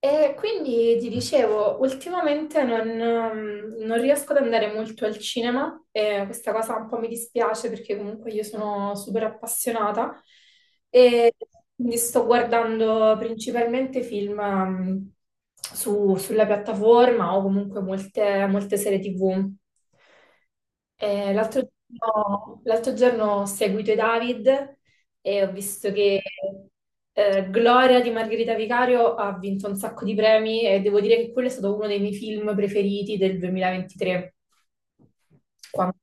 E quindi ti dicevo, ultimamente non riesco ad andare molto al cinema e questa cosa un po' mi dispiace perché comunque io sono super appassionata e quindi sto guardando principalmente film sulla piattaforma o comunque molte serie TV. L'altro giorno ho seguito i David e ho visto che Gloria di Margherita Vicario ha vinto un sacco di premi e devo dire che quello è stato uno dei miei film preferiti del 2023. Quando-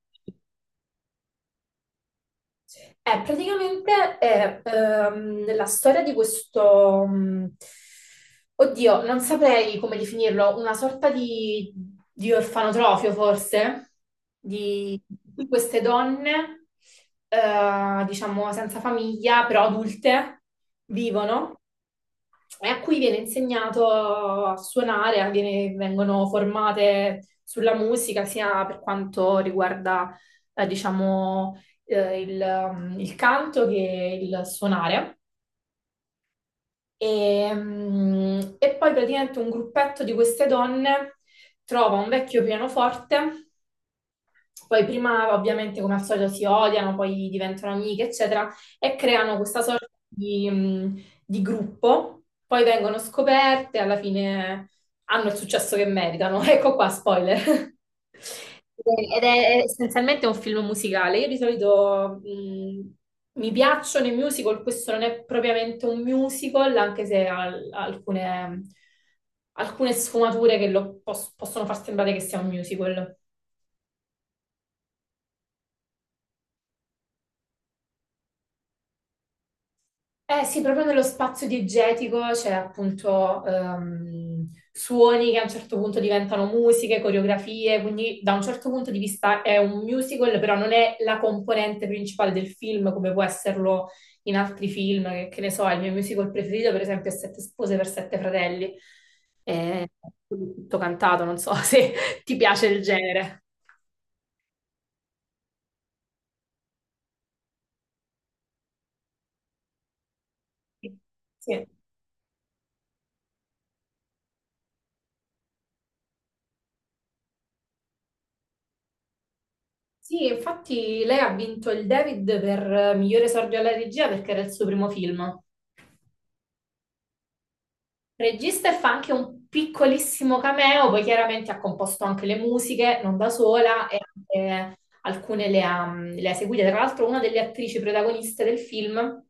praticamente è la storia di questo, oddio, non saprei come definirlo, una sorta di orfanotrofio forse, di di queste donne, diciamo senza famiglia, però adulte, vivono e a cui viene insegnato a suonare, vengono formate sulla musica, sia per quanto riguarda, diciamo, il, il canto che il suonare. E poi praticamente un gruppetto di queste donne trova un vecchio pianoforte, poi prima ovviamente come al solito si odiano, poi diventano amiche, eccetera, e creano questa sorta di gruppo, poi vengono scoperte, alla fine hanno il successo che meritano. Ecco qua, spoiler. Ed è essenzialmente un film musicale. Io di solito mi piacciono i musical, questo non è propriamente un musical, anche se ha alcune, alcune sfumature che lo possono far sembrare che sia un musical. Eh sì, proprio nello spazio diegetico c'è appunto suoni che a un certo punto diventano musiche, coreografie, quindi da un certo punto di vista è un musical, però non è la componente principale del film come può esserlo in altri film, che ne so, il mio musical preferito per esempio è Sette spose per sette fratelli, è tutto cantato, non so se ti piace il genere. Sì. Sì, infatti lei ha vinto il David per migliore esordio alla regia perché era il suo primo film. Regista e fa anche un piccolissimo cameo, poi chiaramente ha composto anche le musiche, non da sola, e anche alcune le ha, le ha seguite. Tra l'altro una delle attrici protagoniste del film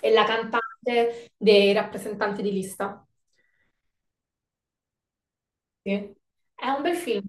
è la cantante dei rappresentanti di lista. Sì. È un bel film.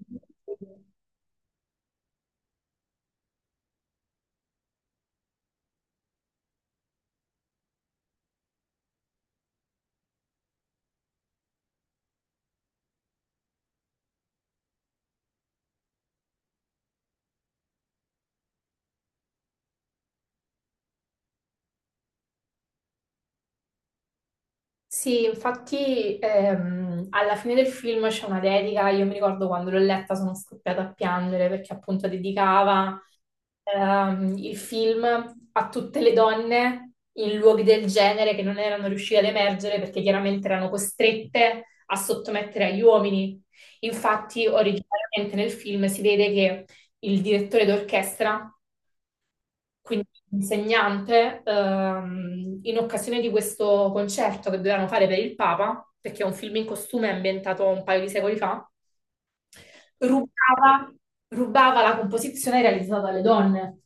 Sì, infatti alla fine del film c'è una dedica, io mi ricordo quando l'ho letta sono scoppiata a piangere perché appunto dedicava il film a tutte le donne in luoghi del genere che non erano riuscite ad emergere perché chiaramente erano costrette a sottomettere agli uomini. Infatti originariamente nel film si vede che il direttore d'orchestra, quindi l'insegnante, in occasione di questo concerto che dovevano fare per il Papa, perché è un film in costume ambientato un paio di secoli fa, rubava, rubava la composizione realizzata dalle donne,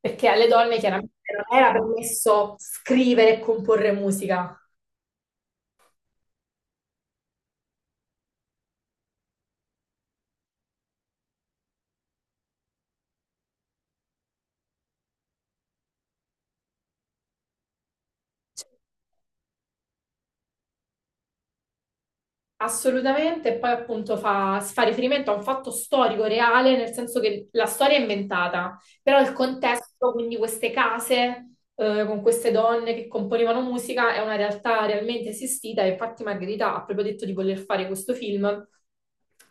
perché alle donne chiaramente non era permesso scrivere e comporre musica. Cioè, assolutamente, e poi appunto fa, si fa riferimento a un fatto storico reale, nel senso che la storia è inventata, però il contesto, quindi queste case con queste donne che componevano musica, è una realtà realmente esistita e infatti Margherita ha proprio detto di voler fare questo film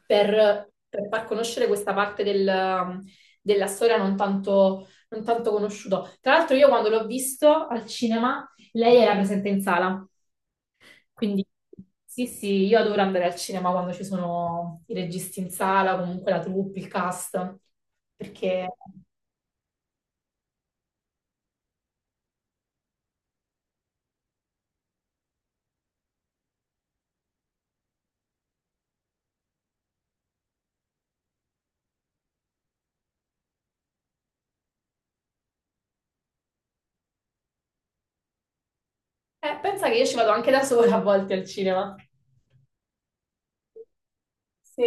per far conoscere questa parte della storia non tanto conosciuta. Tra l'altro io quando l'ho visto al cinema, lei era presente in sala. Quindi sì, sì, io adoro andare al cinema quando ci sono i registi in sala, comunque la troupe, il cast, perché pensa che io ci vado anche da sola a volte al cinema. Sì,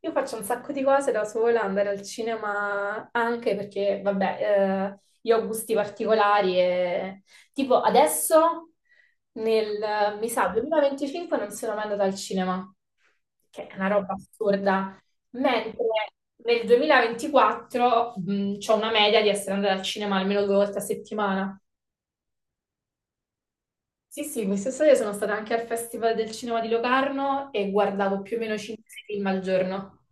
io faccio un sacco di cose da sola, andare al cinema anche perché, vabbè, io ho gusti particolari e tipo adesso, nel, mi sa, 2025 non sono mai andata al cinema, che è una roba assurda, mentre nel 2024 ho una media di essere andata al cinema almeno 2 volte a settimana. Sì, sì, quest'estate sono stata anche al Festival del Cinema di Locarno e guardavo più o meno 5 film al giorno.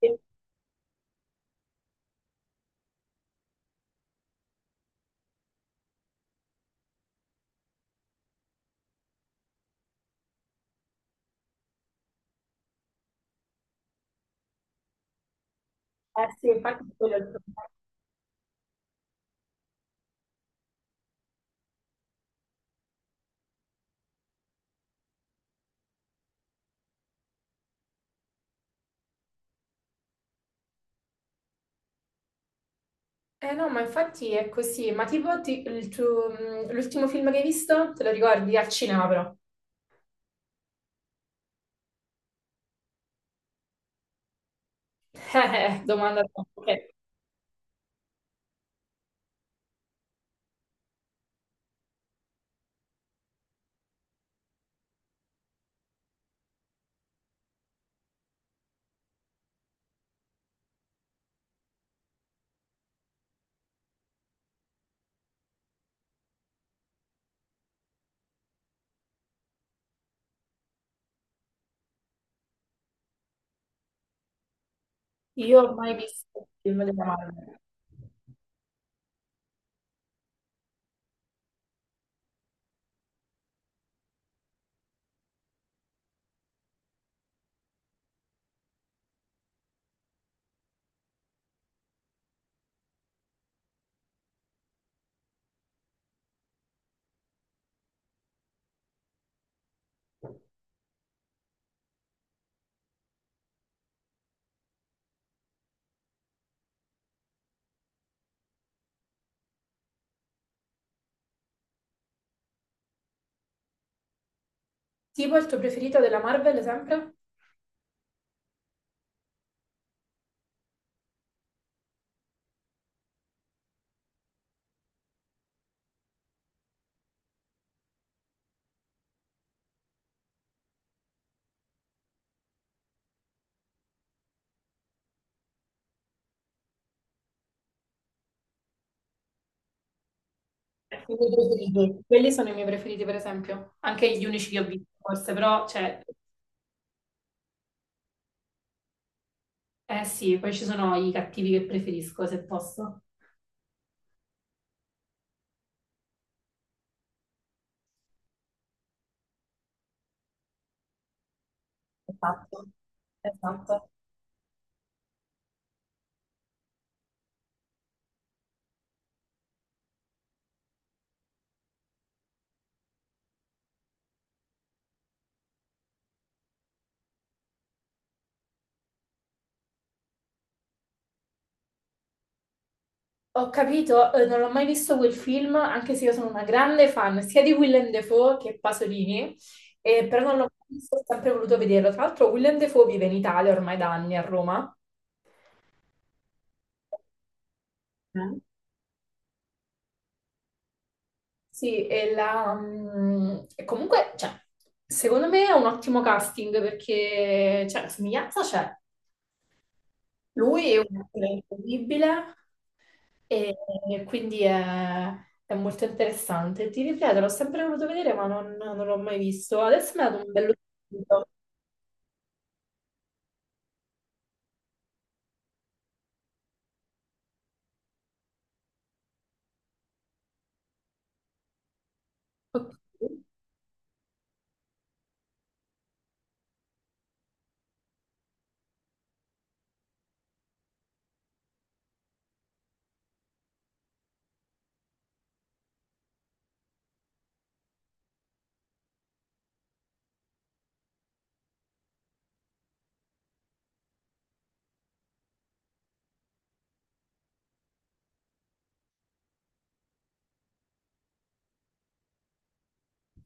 Sì. Eh sì, infatti quello è il problema. Eh no, ma infatti è così. Ma tipo l'ultimo film che hai visto, te lo ricordi? Al cinema però. Domanda troppo. Ok. Io ho mai visto il film della Marvel. Tipo il tuo preferito della Marvel sempre? I miei preferiti. Quelli sono i miei preferiti, per esempio. Anche gli unici che ho visto, forse, però, cioè, eh sì, poi ci sono i cattivi che preferisco, se posso. Esatto, esatto. Ho capito, non ho mai visto quel film, anche se io sono una grande fan sia di Willem Dafoe che Pasolini, però non l'ho mai visto, ho sempre voluto vederlo. Tra l'altro Willem Dafoe vive in Italia ormai da anni a Roma. Mm. Sì, e comunque, cioè, secondo me è un ottimo casting perché, cioè, la somiglianza c'è. Lui è un attore incredibile, E, e quindi è molto interessante. Ti ripeto, l'ho sempre voluto vedere, ma non l'ho mai visto. Adesso mi ha dato un bello spunto. Ok,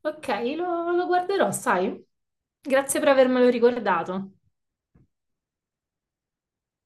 ok, lo guarderò, sai? Grazie per avermelo ricordato.